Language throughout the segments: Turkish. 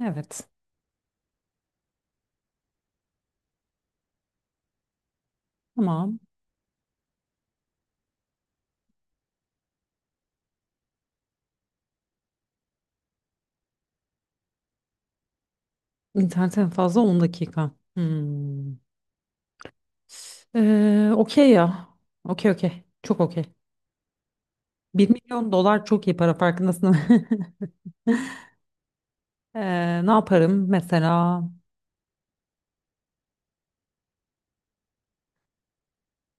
Evet. Tamam. İnternet en fazla 10 dakika. Hmm. Okey ya. Okey okey. Çok okey. Bir milyon dolar çok iyi para farkındasın değil. Ne yaparım mesela?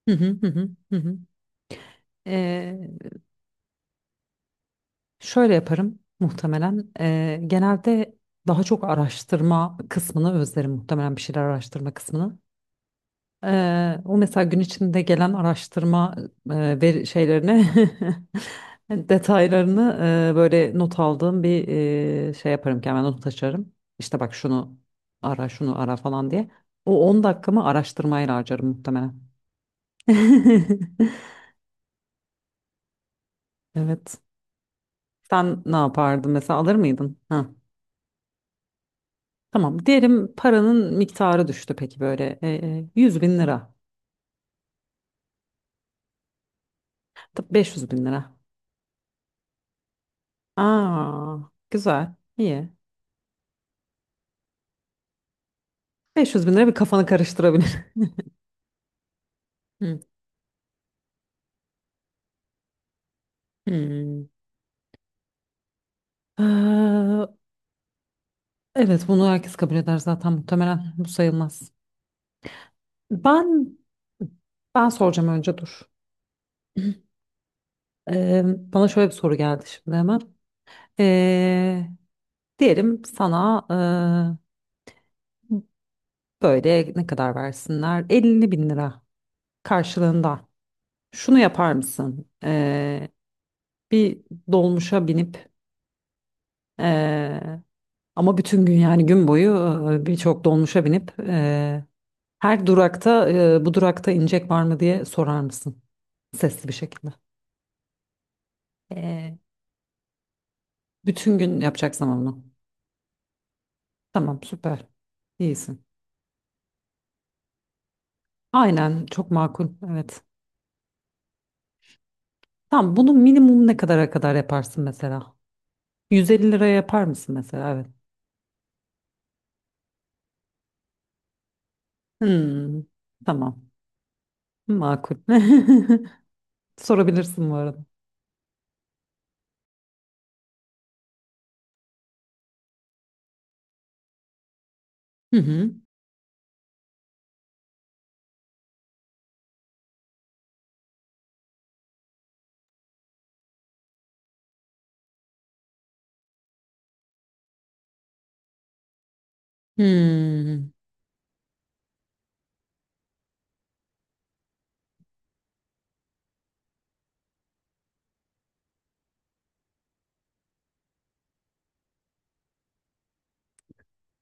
Hı hı hı hı hı, hı. Ee, Şöyle yaparım muhtemelen. Genelde daha çok araştırma kısmını özlerim muhtemelen, bir şeyler araştırma kısmını. O mesela gün içinde gelen araştırma veri şeylerini, detaylarını, böyle not aldığım bir şey yaparım ki hemen not açarım. İşte bak, şunu ara, şunu ara falan diye. O 10 dakikamı araştırmayla harcarım muhtemelen. Evet. Sen ne yapardın mesela, alır mıydın? Ha. Tamam. Diyelim paranın miktarı düştü peki, böyle 100 bin lira. Tabii, 500 bin lira. Aa, güzel. İyi. 500 bin lira bir kafanı karıştırabilir. Hı. Hmm. Ee, evet, bunu herkes kabul eder zaten muhtemelen. Bu sayılmaz. Ben ben soracağım önce, dur. Ee, Bana şöyle bir soru geldi şimdi hemen. Ee, Diyelim sana böyle ne kadar versinler? 50 bin lira karşılığında. Şunu yapar mısın? Bir dolmuşa binip, ee, ama bütün gün, yani gün boyu, birçok dolmuşa binip, her durakta, bu durakta inecek var mı diye sorar mısın? Sesli bir şekilde. Ee, Bütün gün yapacaksın ama bunu. Tamam, süper. İyisin. Aynen, çok makul. Evet. Tamam, bunu minimum ne kadara kadar yaparsın mesela? 150 liraya yapar mısın mesela? Evet. Hmm, tamam. Makul. Sorabilirsin bu arada. Hı hı. Hmm.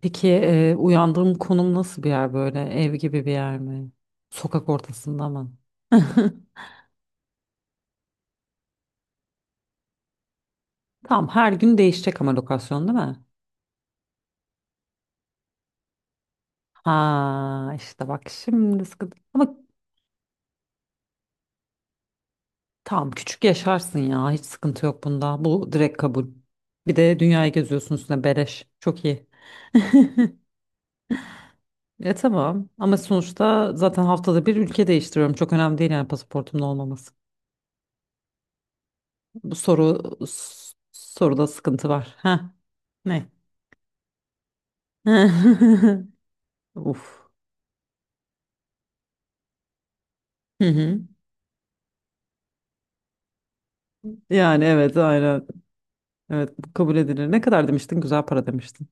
Peki uyandığım konum nasıl bir yer böyle? Ev gibi bir yer mi? Sokak ortasında mı? Tamam, her gün değişecek ama lokasyon, değil mi? Ha, işte bak, şimdi sıkıntı. Ama tamam, küçük yaşarsın ya, hiç sıkıntı yok bunda. Bu direkt kabul. Bir de dünyayı geziyorsun üstüne, beleş. Çok iyi. Tamam ama sonuçta zaten haftada bir ülke değiştiriyorum. Çok önemli değil yani, pasaportumun olmaması. Bu soru soruda sıkıntı var. Ha, ne? Uf. Hı hı. Yani evet, aynen. Evet, bu kabul edilir. Ne kadar demiştin? Güzel para demiştin.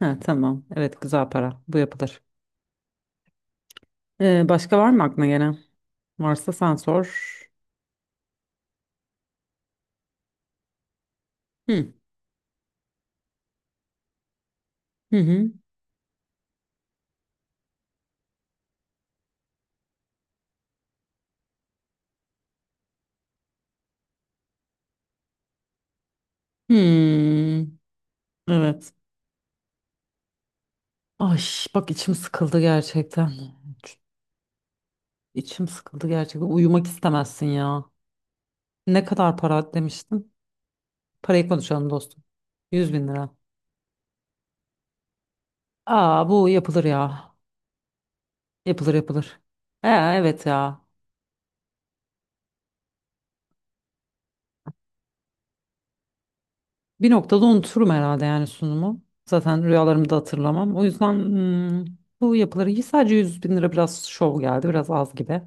Ha, tamam. Evet, güzel para. Bu yapılır. Başka var mı aklına gelen? Varsa sen sor. Hı hı hı. Hmm. Evet. Ay, bak içim sıkıldı gerçekten. İçim sıkıldı gerçekten. Uyumak istemezsin ya. Ne kadar para demiştin? Parayı konuşalım dostum. Yüz bin lira. Aa, bu yapılır ya. Yapılır, yapılır. Evet ya. Bir noktada unuturum herhalde yani sunumu. Zaten rüyalarımı da hatırlamam. O yüzden bu yapıları iyi. Sadece 100 bin lira biraz şov geldi. Biraz az gibi.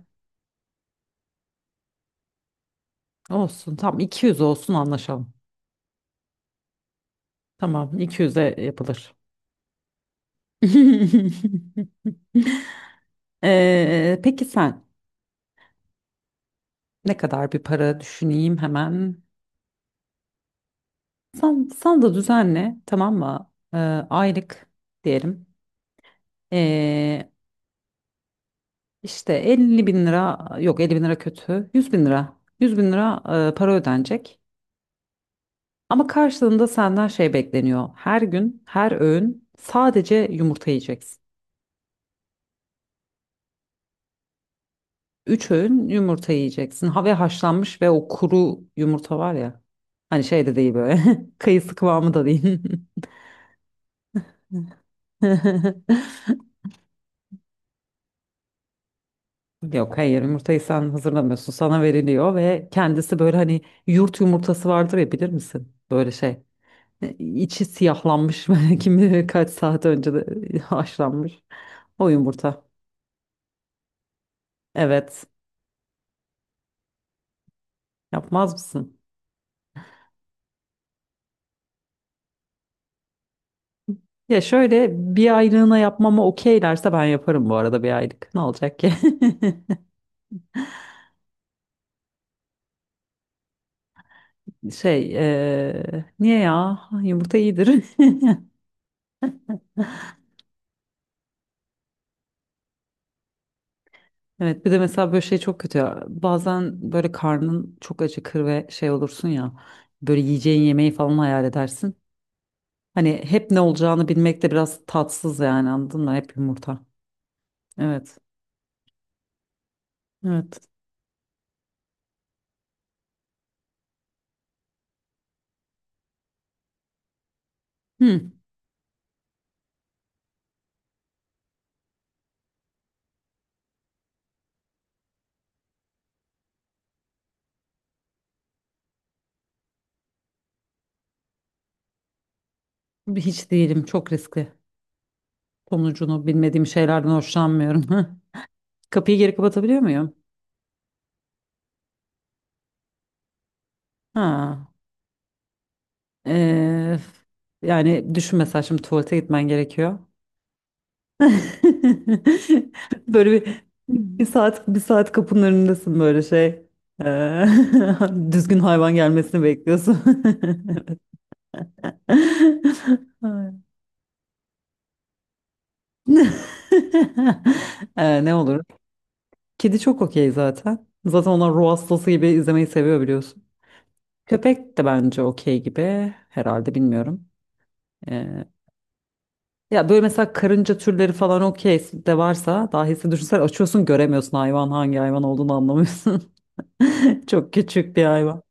Olsun. Tam 200 olsun, anlaşalım. Tamam, 200'e yapılır. Peki sen, ne kadar bir para düşüneyim hemen. Sen de düzenle, tamam mı? Aylık diyelim. Ee, işte 50 bin lira, yok 50 bin lira kötü. Yüz bin lira. 100 bin lira para ödenecek. Ama karşılığında senden şey bekleniyor. Her gün, her öğün sadece yumurta yiyeceksin. Üç öğün yumurta yiyeceksin. Ha, ve haşlanmış, ve o kuru yumurta var ya. Hani şey de değil böyle. Kayısı kıvamı da değil. Yok, hayır, yumurtayı sen hazırlamıyorsun. Sana veriliyor ve kendisi, böyle, hani yurt yumurtası vardır ya, bilir misin? Böyle şey. İçi siyahlanmış, kim bilir kaç saat önce de haşlanmış. O yumurta. Evet. Yapmaz mısın? Ya şöyle, bir aylığına yapmama okeylerse ben yaparım bu arada, bir aylık. Ne olacak ki? Şey, niye ya? Yumurta iyidir. Evet, bir de mesela böyle şey çok kötü ya. Bazen böyle karnın çok acıkır ve şey olursun ya. Böyle yiyeceğin yemeği falan hayal edersin. Hani hep ne olacağını bilmek de biraz tatsız yani, anladın mı? Hep yumurta. Evet. Evet. Hmm, Hiç değilim. Çok riskli. Sonucunu bilmediğim şeylerden hoşlanmıyorum. Kapıyı geri kapatabiliyor muyum? Ha. Ee, Yani düşün mesela, şimdi tuvalete gitmen gerekiyor. Böyle bir saat bir saat kapının önündesin böyle şey. Ee, Düzgün hayvan gelmesini bekliyorsun. Evet. Ne olur? Kedi çok okey zaten. Zaten onlar ruh hastası gibi izlemeyi seviyor, biliyorsun. Köpek de bence okey gibi herhalde, bilmiyorum. Ya böyle mesela karınca türleri falan okey de, varsa dahisi düşünsel açıyorsun, göremiyorsun hayvan, hangi hayvan olduğunu anlamıyorsun. Çok küçük bir hayvan.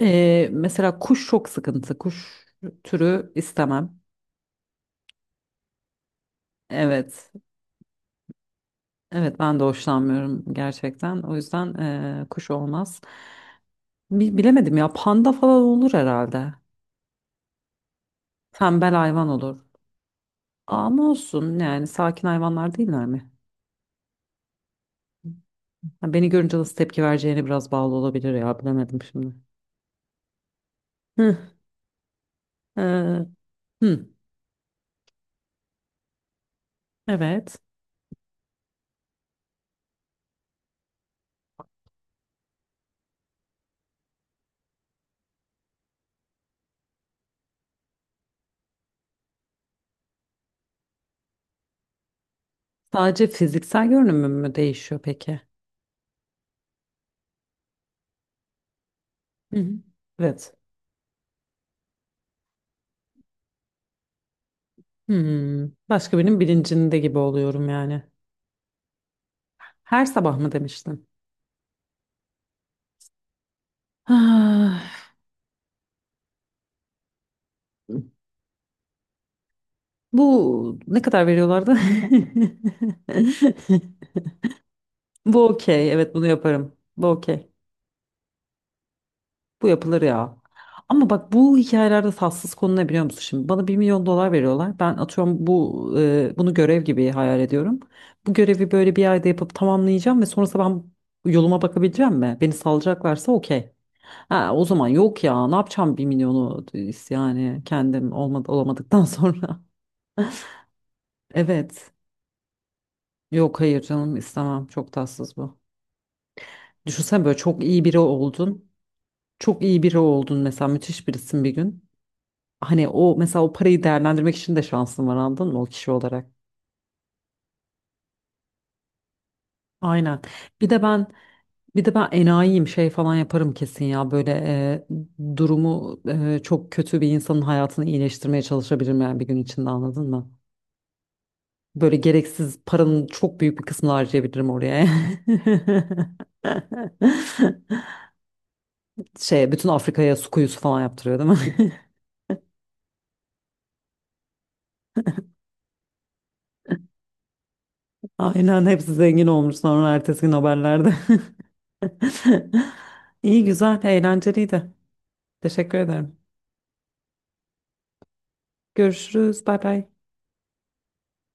Mesela kuş çok sıkıntı. Kuş türü istemem. Evet. Evet, ben de hoşlanmıyorum gerçekten. O yüzden kuş olmaz. Bilemedim ya, panda falan olur herhalde. Tembel hayvan olur. Ama olsun yani, sakin hayvanlar değiller mi? Ha, beni görünce nasıl tepki vereceğine biraz bağlı olabilir ya, bilemedim şimdi. Hı. Ee, Hı, evet. Sadece fiziksel görünümü mü değişiyor peki? Hı hı. Evet. Başka birinin bilincinde gibi oluyorum yani. Her sabah mı demiştin? Ah, bu ne kadar veriyorlardı? Bu okey. Evet, bunu yaparım. Bu okey. Bu yapılır ya. Ama bak, bu hikayelerde tatsız konu ne biliyor musun? Şimdi bana bir milyon dolar veriyorlar. Ben atıyorum bu, bunu görev gibi hayal ediyorum. Bu görevi böyle bir ayda yapıp tamamlayacağım ve sonrasında ben yoluma bakabileceğim mi? Beni salacaklarsa okey. Ha, o zaman yok ya, ne yapacağım bir milyonu yani, kendim olmadı, olamadıktan sonra. Evet. Yok, hayır, canım istemem. Çok tatsız bu. Düşünsen, böyle çok iyi biri oldun. Çok iyi biri oldun mesela, müthiş birisin bir gün. Hani o mesela o parayı değerlendirmek için de şansın var anladın mı, o kişi olarak. Aynen. Bir de ben bir de ben enayiyim, şey falan yaparım kesin ya, böyle durumu çok kötü bir insanın hayatını iyileştirmeye çalışabilirim yani bir gün içinde, anladın mı? Böyle gereksiz, paranın çok büyük bir kısmını harcayabilirim oraya. Şey, bütün Afrika'ya su kuyusu falan yaptırıyor değil mi? Aynen, hepsi zengin olmuş sonra ertesi gün haberlerde. İyi, güzel, eğlenceliydi. Teşekkür ederim. Görüşürüz. Bay bay.